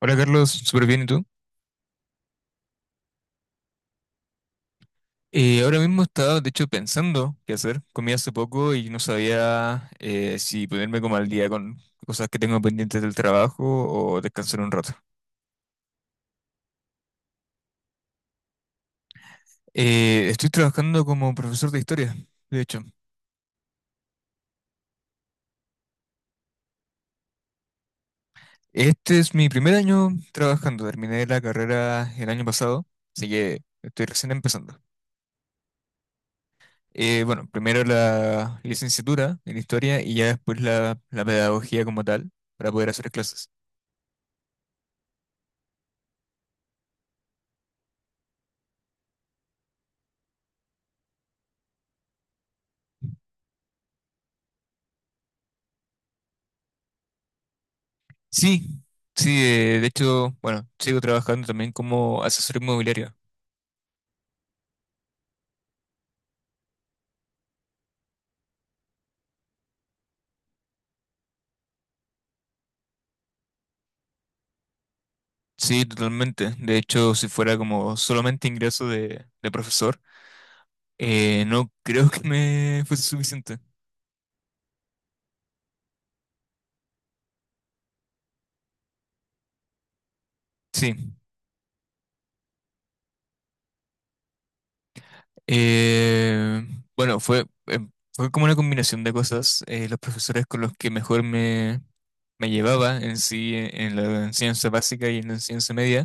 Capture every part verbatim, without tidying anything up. Hola Carlos, súper bien, ¿y tú? Eh, ahora mismo estaba, de hecho, pensando qué hacer. Comí hace poco y no sabía, eh, si ponerme como al día con cosas que tengo pendientes del trabajo o descansar un rato. Eh, estoy trabajando como profesor de historia, de hecho. Este es mi primer año trabajando. Terminé la carrera el año pasado, así que estoy recién empezando. Eh, bueno, primero la licenciatura en historia y ya después la, la pedagogía como tal para poder hacer clases. Sí, sí, eh, de hecho, bueno, sigo trabajando también como asesor inmobiliario. Sí, totalmente. De hecho, si fuera como solamente ingreso de, de profesor, eh, no creo que me fuese suficiente. Sí. Eh, bueno, fue, eh, fue como una combinación de cosas. Eh, los profesores con los que mejor me, me llevaba en sí, eh, en la enseñanza básica y en la enseñanza media,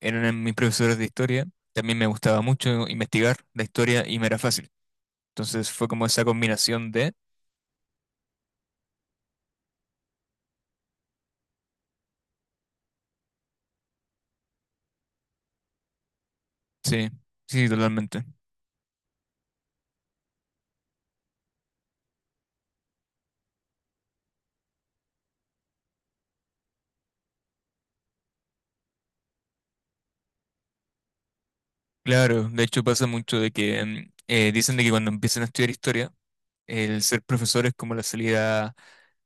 eran mis profesores de historia. También me gustaba mucho investigar la historia y me era fácil. Entonces fue como esa combinación de... Sí, sí, totalmente. Claro, de hecho pasa mucho de que mm, eh, dicen de que cuando empiezan a estudiar historia, el ser profesor es como la salida,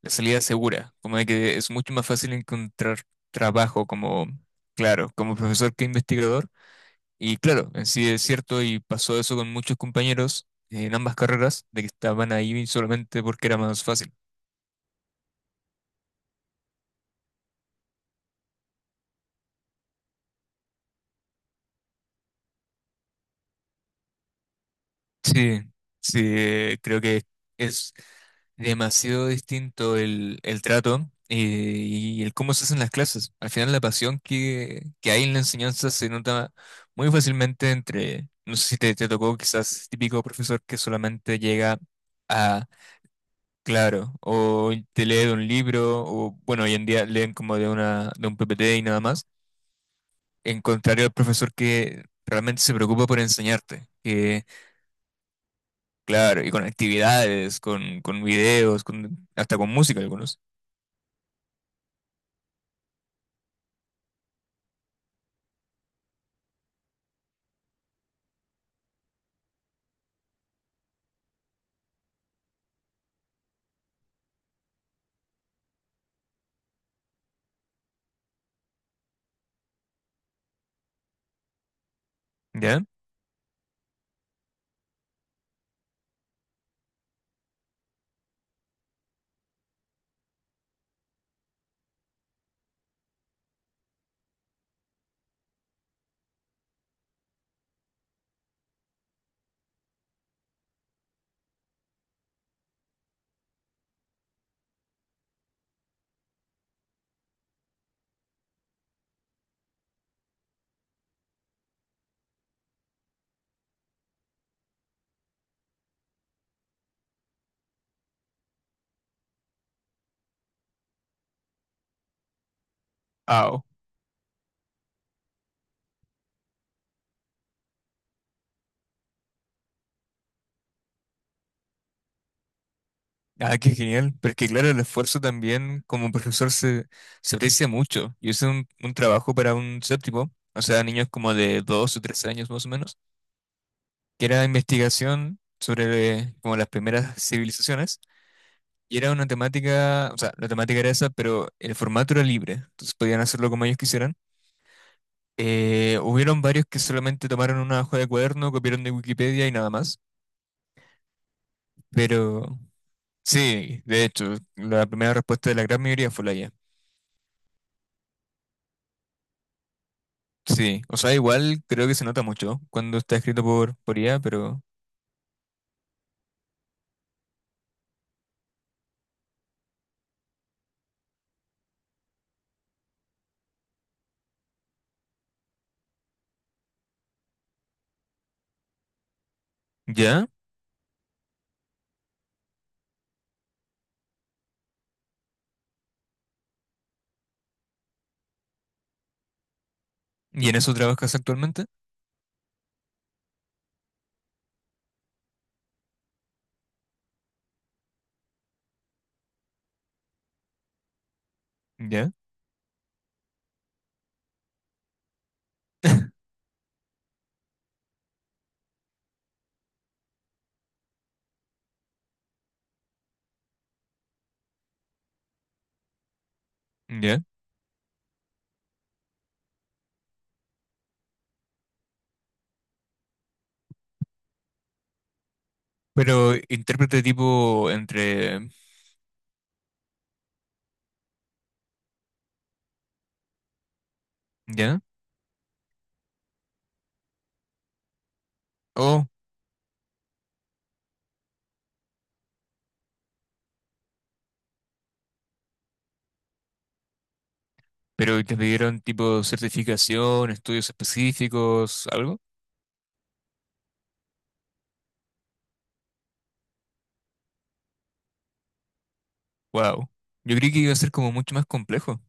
la salida segura, como de que es mucho más fácil encontrar trabajo como, claro, como profesor que investigador. Y claro, en sí es cierto y pasó eso con muchos compañeros en ambas carreras, de que estaban ahí solamente porque era más fácil. Sí, sí, creo que es demasiado distinto el, el trato y, y el cómo se hacen las clases. Al final la pasión que, que hay en la enseñanza se nota muy fácilmente entre, no sé si te, te tocó quizás típico profesor que solamente llega a, claro, o te lee de un libro, o bueno, hoy en día leen como de una, de un P P T y nada más, en contrario al profesor que realmente se preocupa por enseñarte. Claro, y con actividades, con, con videos, con, hasta con música algunos. ¿Ya? Ah, ah, qué genial. Pero es que claro, el esfuerzo también como profesor se, se aprecia mucho. Yo hice un, un trabajo para un séptimo, o sea, niños como de dos o tres años más o menos, que era investigación sobre, eh, como las primeras civilizaciones. Y era una temática, o sea, la temática era esa, pero el formato era libre. Entonces podían hacerlo como ellos quisieran. Eh, hubieron varios que solamente tomaron una hoja de cuaderno, copiaron de Wikipedia y nada más. Pero sí, de hecho, la primera respuesta de la gran mayoría fue la I A. Sí, o sea, igual creo que se nota mucho cuando está escrito por, por I A, pero ya. ¿Y en eso trabajas actualmente? Ya, ya. Pero intérprete tipo entre, ya. Oh, pero te pidieron tipo certificación, estudios específicos, algo. Wow. Yo creí que iba a ser como mucho más complejo.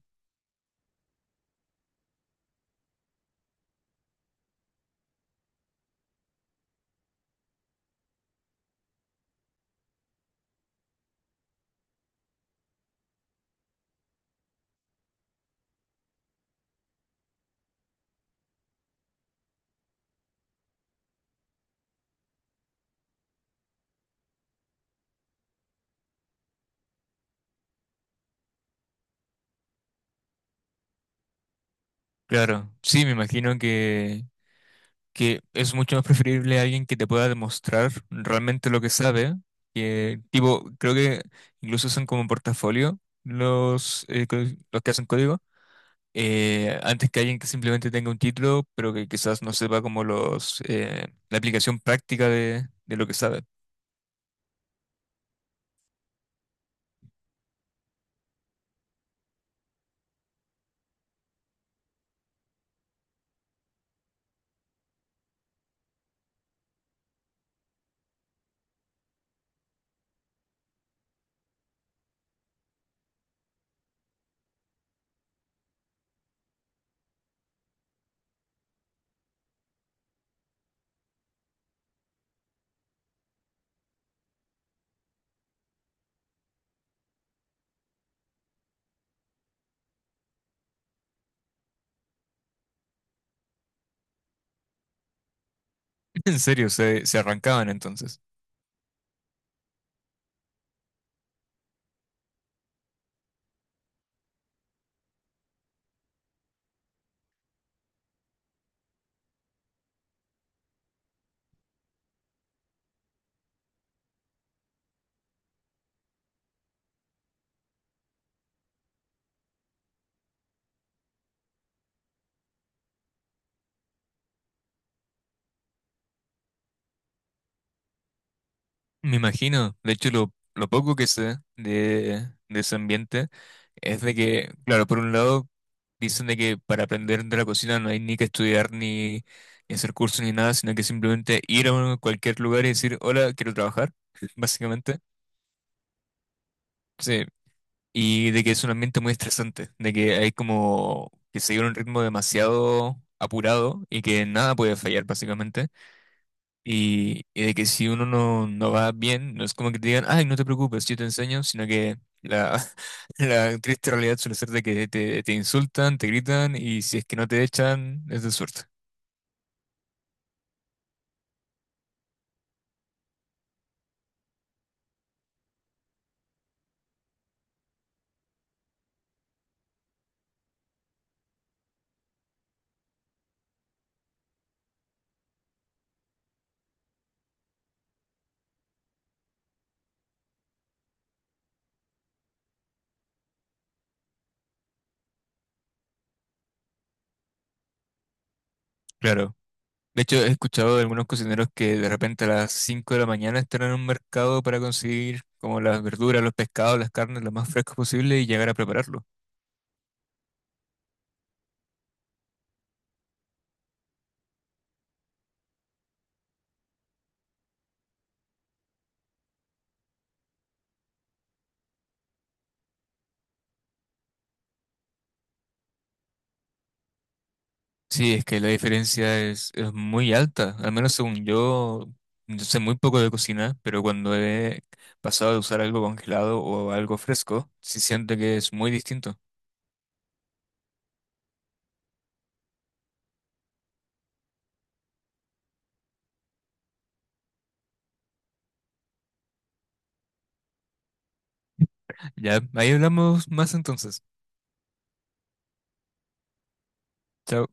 Claro, sí, me imagino que que es mucho más preferible a alguien que te pueda demostrar realmente lo que sabe, que tipo, creo que incluso son como portafolio los, eh, co- los que hacen código, eh, antes que alguien que simplemente tenga un título, pero que quizás no sepa como los, eh, la aplicación práctica de, de lo que sabe. En serio, se, se arrancaban entonces. Me imagino, de hecho lo, lo poco que sé de, de ese ambiente es de que, claro, por un lado dicen de que para aprender de la cocina no hay ni que estudiar ni, ni hacer cursos ni nada, sino que simplemente ir a un- cualquier lugar y decir, hola, quiero trabajar, básicamente. Sí, y de que es un ambiente muy estresante, de que hay como que seguir un ritmo demasiado apurado y que nada puede fallar, básicamente. Y, y de que si uno no, no va bien, no es como que te digan, ay, no te preocupes, yo te enseño, sino que la, la triste realidad suele ser de que te, te insultan, te gritan y si es que no te echan, es de suerte. Claro. De hecho, he escuchado de algunos cocineros que de repente a las cinco de la mañana están en un mercado para conseguir como las verduras, los pescados, las carnes lo más frescos posible y llegar a prepararlo. Sí, es que la diferencia es, es muy alta. Al menos según yo, yo sé muy poco de cocina, pero cuando he pasado de usar algo congelado o algo fresco, sí siento que es muy distinto. Ya, ahí hablamos más entonces. Chao.